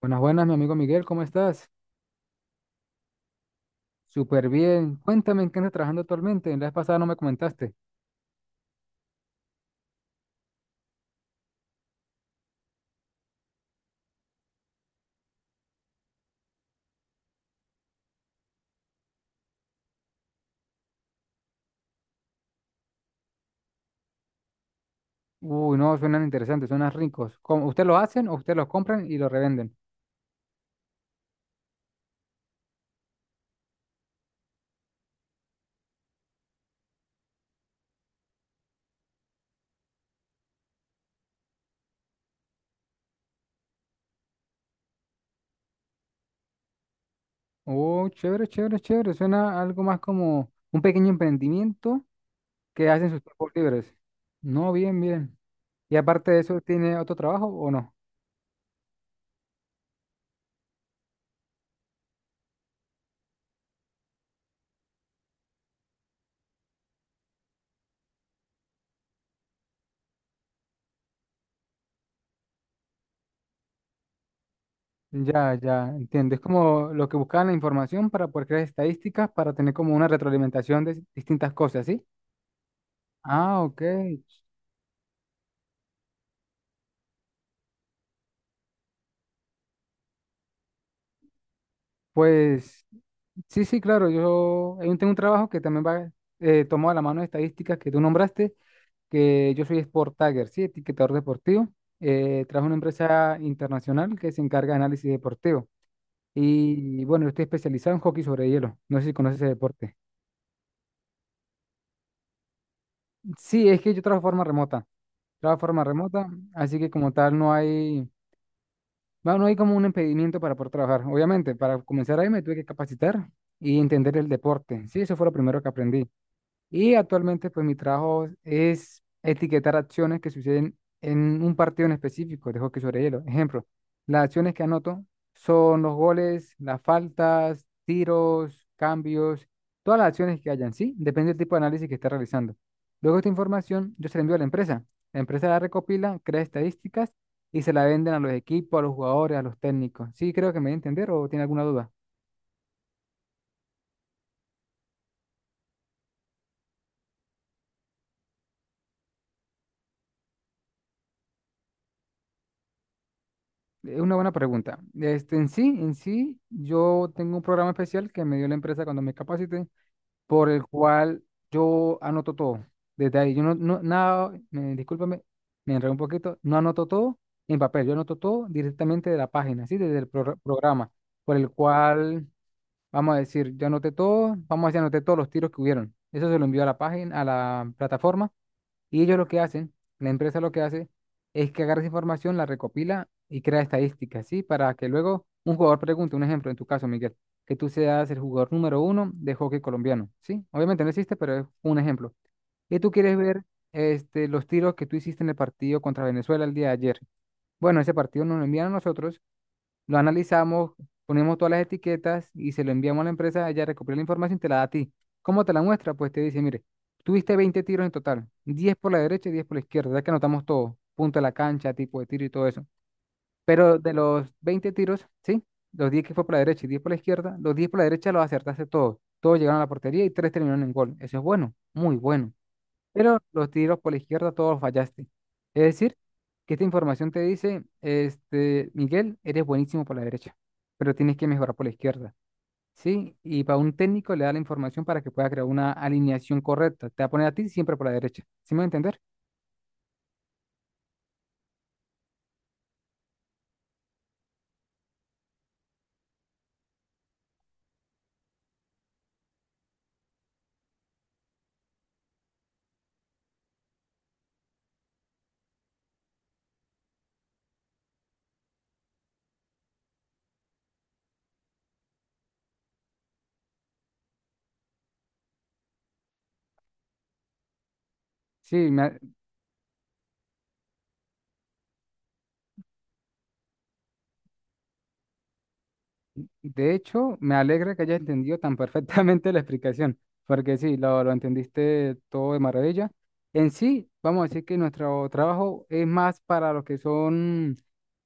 Buenas, buenas, mi amigo Miguel, ¿cómo estás? Súper bien. Cuéntame en qué andas trabajando actualmente. La vez pasada no me comentaste. Uy, no, suenan interesantes, suenan ricos. ¿Cómo, usted lo hacen o usted los compran y los revenden? Oh, chévere, chévere, chévere. Suena algo más como un pequeño emprendimiento que hacen sus tiempos libres. No, bien, bien. Y aparte de eso, ¿tiene otro trabajo o no? Ya, ya, entiendo. Es como lo que buscaban la información para poder crear estadísticas, para tener como una retroalimentación de distintas cosas, ¿sí? Ah, ok. Pues sí, sí, claro. Yo tengo un trabajo que también va tomado a la mano de estadísticas que tú nombraste, que yo soy Sport Tagger, sí, etiquetador deportivo. Trabajo en una empresa internacional que se encarga de análisis deportivo. Y bueno, yo estoy especializado en hockey sobre hielo. No sé si conoces ese deporte. Sí, es que yo trabajo de forma remota. Trabajo de forma remota, así que como tal no hay como un impedimento para poder trabajar. Obviamente, para comenzar ahí me tuve que capacitar y entender el deporte. Sí, eso fue lo primero que aprendí. Y actualmente, pues mi trabajo es etiquetar acciones que suceden en un partido en específico de hockey sobre hielo. Ejemplo, las acciones que anoto son los goles, las faltas, tiros, cambios, todas las acciones que hayan, ¿sí? Depende del tipo de análisis que esté realizando. Luego esta información yo se la envío a la empresa. La empresa la recopila, crea estadísticas y se la venden a los equipos, a los jugadores, a los técnicos. ¿Sí creo que me voy a entender o tiene alguna duda? Una buena pregunta. En sí, yo tengo un programa especial que me dio la empresa cuando me capacité, por el cual yo anoto todo. Desde ahí, yo no, no, nada, me- discúlpame, me enredé un poquito, no anoto todo en papel, yo anoto todo directamente de la página, ¿sí? Desde el programa, por el cual, vamos a decir, yo anoté todo, vamos a decir, anoté todos los tiros que hubieron. Eso se lo envío a la página, a la plataforma, y ellos lo que hacen, la empresa lo que hace es que agarra esa información, la recopila y crea estadísticas, ¿sí? Para que luego un jugador pregunte, un ejemplo, en tu caso, Miguel, que tú seas el jugador número uno de hockey colombiano, ¿sí? Obviamente no existe, pero es un ejemplo. Y tú quieres ver los tiros que tú hiciste en el partido contra Venezuela el día de ayer. Bueno, ese partido nos lo envían a nosotros, lo analizamos, ponemos todas las etiquetas y se lo enviamos a la empresa, ella recopila la información y te la da a ti. ¿Cómo te la muestra? Pues te dice, mire, tuviste 20 tiros en total, 10 por la derecha y 10 por la izquierda, ya que anotamos todo, punto de la cancha, tipo de tiro y todo eso. Pero de los 20 tiros, ¿sí? Los 10 que fue por la derecha y 10 por la izquierda, los 10 por la derecha los acertaste todos. Todos llegaron a la portería y tres terminaron en gol. Eso es bueno, muy bueno, pero los tiros por la izquierda todos fallaste. Es decir, que esta información te dice, Miguel, eres buenísimo por la derecha, pero tienes que mejorar por la izquierda, ¿sí? Y para un técnico le da la información para que pueda crear una alineación correcta. Te va a poner a ti siempre por la derecha, ¿sí me va a entender? Sí. De hecho, me alegra que hayas entendido tan perfectamente la explicación, porque sí, lo entendiste todo de maravilla. En sí, vamos a decir que nuestro trabajo es más para los que son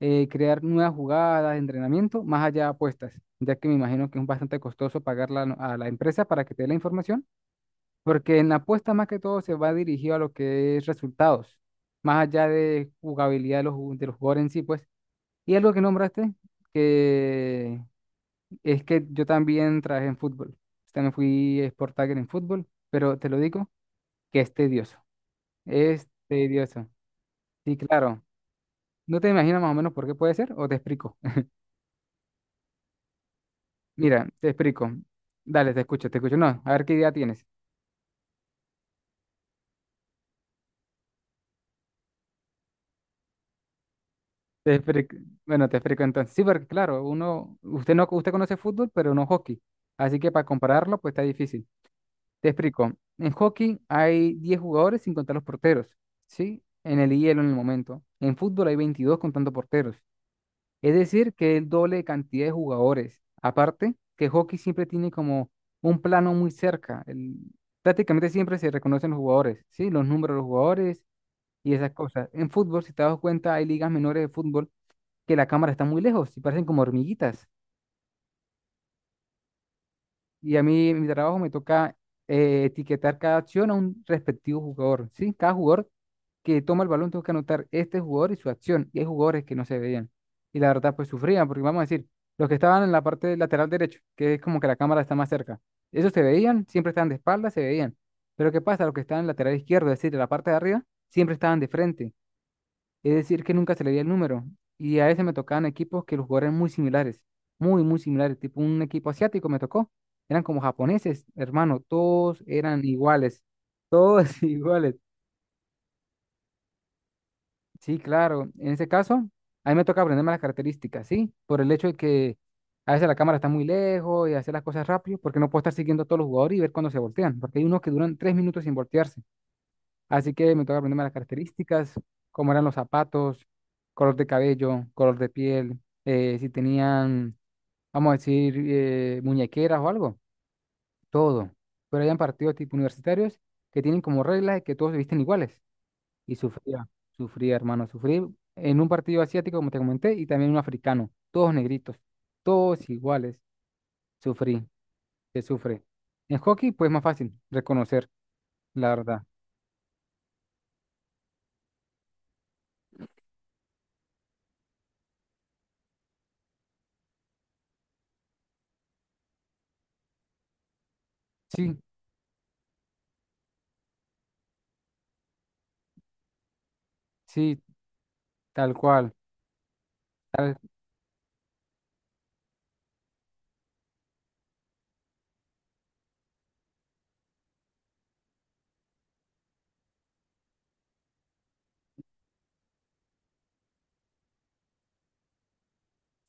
crear nuevas jugadas, entrenamiento, más allá de apuestas, ya que me imagino que es bastante costoso pagarla a la empresa para que te dé la información, porque en la apuesta más que todo se va dirigido a lo que es resultados, más allá de jugabilidad de de los jugadores en sí, pues. Y algo que nombraste, que es que yo también trabajé en fútbol. Pues, también fui sport tagger en fútbol, pero te lo digo que es tedioso. Es tedioso. Sí, claro. ¿No te imaginas más o menos por qué puede ser? ¿O te explico? Mira, te explico. Dale, te escucho, te escucho. No, a ver qué idea tienes. Te explico. Bueno, te explico entonces. Sí, porque claro, uno, usted conoce fútbol, pero no hockey. Así que para compararlo, pues está difícil. Te explico. En hockey hay 10 jugadores sin contar los porteros, ¿sí? En el hielo en el momento. En fútbol hay 22 contando porteros. Es decir, que el doble de cantidad de jugadores. Aparte, que hockey siempre tiene como un plano muy cerca. Prácticamente siempre se reconocen los jugadores, ¿sí? Los números de los jugadores y esas cosas. En fútbol, si te das cuenta, hay ligas menores de fútbol que la cámara está muy lejos y parecen como hormiguitas. Y a mí, en mi trabajo me toca etiquetar cada acción a un respectivo jugador, ¿sí? Cada jugador que toma el balón tengo que anotar este jugador y su acción. Y hay jugadores que no se veían. Y la verdad, pues sufrían, porque vamos a decir, los que estaban en la parte lateral derecho, que es como que la cámara está más cerca, esos se veían, siempre estaban de espaldas, se veían. Pero ¿qué pasa? Los que estaban en lateral izquierdo, es decir, en la parte de arriba, siempre estaban de frente. Es decir, que nunca se le dio el número. Y a veces me tocaban equipos que los jugadores eran muy similares, muy, muy similares. Tipo un equipo asiático me tocó. Eran como japoneses, hermano. Todos eran iguales. Todos iguales. Sí, claro. En ese caso, a mí me toca aprenderme las características, ¿sí? Por el hecho de que a veces la cámara está muy lejos y hacer las cosas rápido, porque no puedo estar siguiendo a todos los jugadores y ver cuándo se voltean, porque hay unos que duran 3 minutos sin voltearse. Así que me toca aprenderme las características, cómo eran los zapatos, color de cabello, color de piel, si tenían, vamos a decir, muñequeras o algo, todo. Pero hayan partidos tipo universitarios que tienen como regla de que todos se visten iguales. Y sufría, sufría, hermano, sufrí en un partido asiático, como te comenté, y también un africano, todos negritos, todos iguales. Sufrí, se sufre. En hockey, pues más fácil reconocer, la verdad. Sí, sí, tal cual.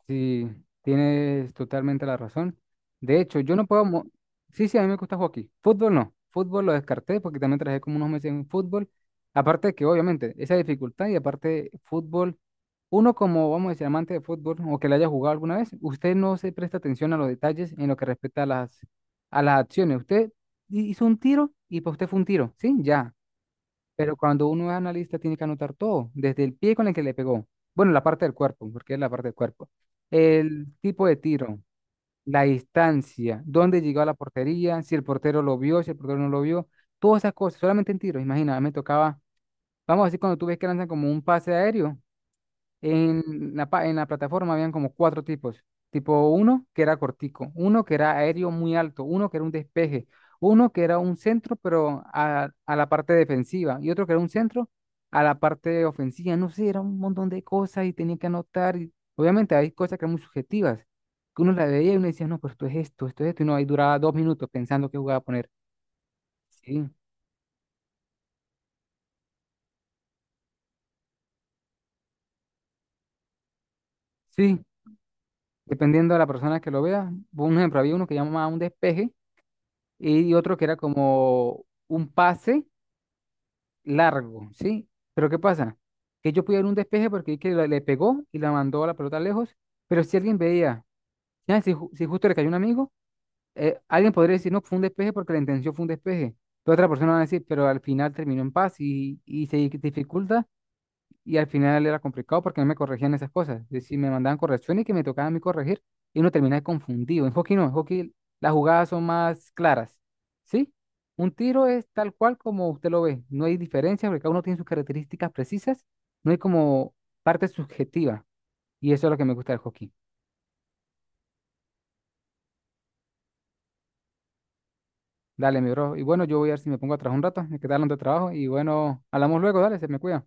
Sí, tienes totalmente la razón. De hecho, yo no puedo. Sí, sí, a mí me gusta hockey. Fútbol no. Fútbol lo descarté porque también trabajé como unos meses en fútbol. Aparte de que, obviamente, esa dificultad y aparte fútbol, uno como, vamos a decir, amante de fútbol o que le haya jugado alguna vez, usted no se presta atención a los detalles en lo que respecta a a las acciones. Usted hizo un tiro y para usted fue un tiro, ¿sí? Ya, pero cuando uno es analista tiene que anotar todo, desde el pie con el que le pegó, bueno, la parte del cuerpo, porque es la parte del cuerpo, el tipo de tiro, la distancia, dónde llegó a la portería, si el portero lo vio, si el portero no lo vio, todas esas cosas, solamente en tiro, imagina, me tocaba, vamos a decir, cuando tú ves que lanzan como un pase aéreo, en en la plataforma habían como cuatro tipos. Tipo uno que era cortico, uno que era aéreo muy alto, uno que era un despeje, uno que era un centro pero a la parte defensiva y otro que era un centro a la parte ofensiva. No sé, era un montón de cosas y tenía que anotar. Y obviamente hay cosas que eran muy subjetivas, que uno la veía y uno decía, no, pero esto es esto, esto es esto. Y no, ahí duraba 2 minutos pensando qué jugada poner. Sí, sí, dependiendo de la persona que lo vea. Un ejemplo, había uno que llamaba un despeje y otro que era como un pase largo, ¿sí? Pero ¿qué pasa? Que yo pude dar un despeje porque vi que le pegó y la mandó a la pelota lejos, pero si alguien veía, ya, si justo le cayó un amigo, alguien podría decir, no, fue un despeje porque la intención fue un despeje. Pero otra persona va a decir, pero al final terminó en paz y se dificulta y al final era complicado porque no me corregían esas cosas. Es decir, me mandaban correcciones que me tocaba a mí corregir y uno terminaba confundido. En hockey no, en hockey las jugadas son más claras, ¿sí? Un tiro es tal cual como usted lo ve, no hay diferencia porque cada uno tiene sus características precisas, no hay como parte subjetiva y eso es lo que me gusta del hockey. Dale, mi bro. Y bueno, yo voy a ver si me pongo a trabajar un rato, me quedaron de trabajo y bueno, hablamos luego, dale, se me cuida.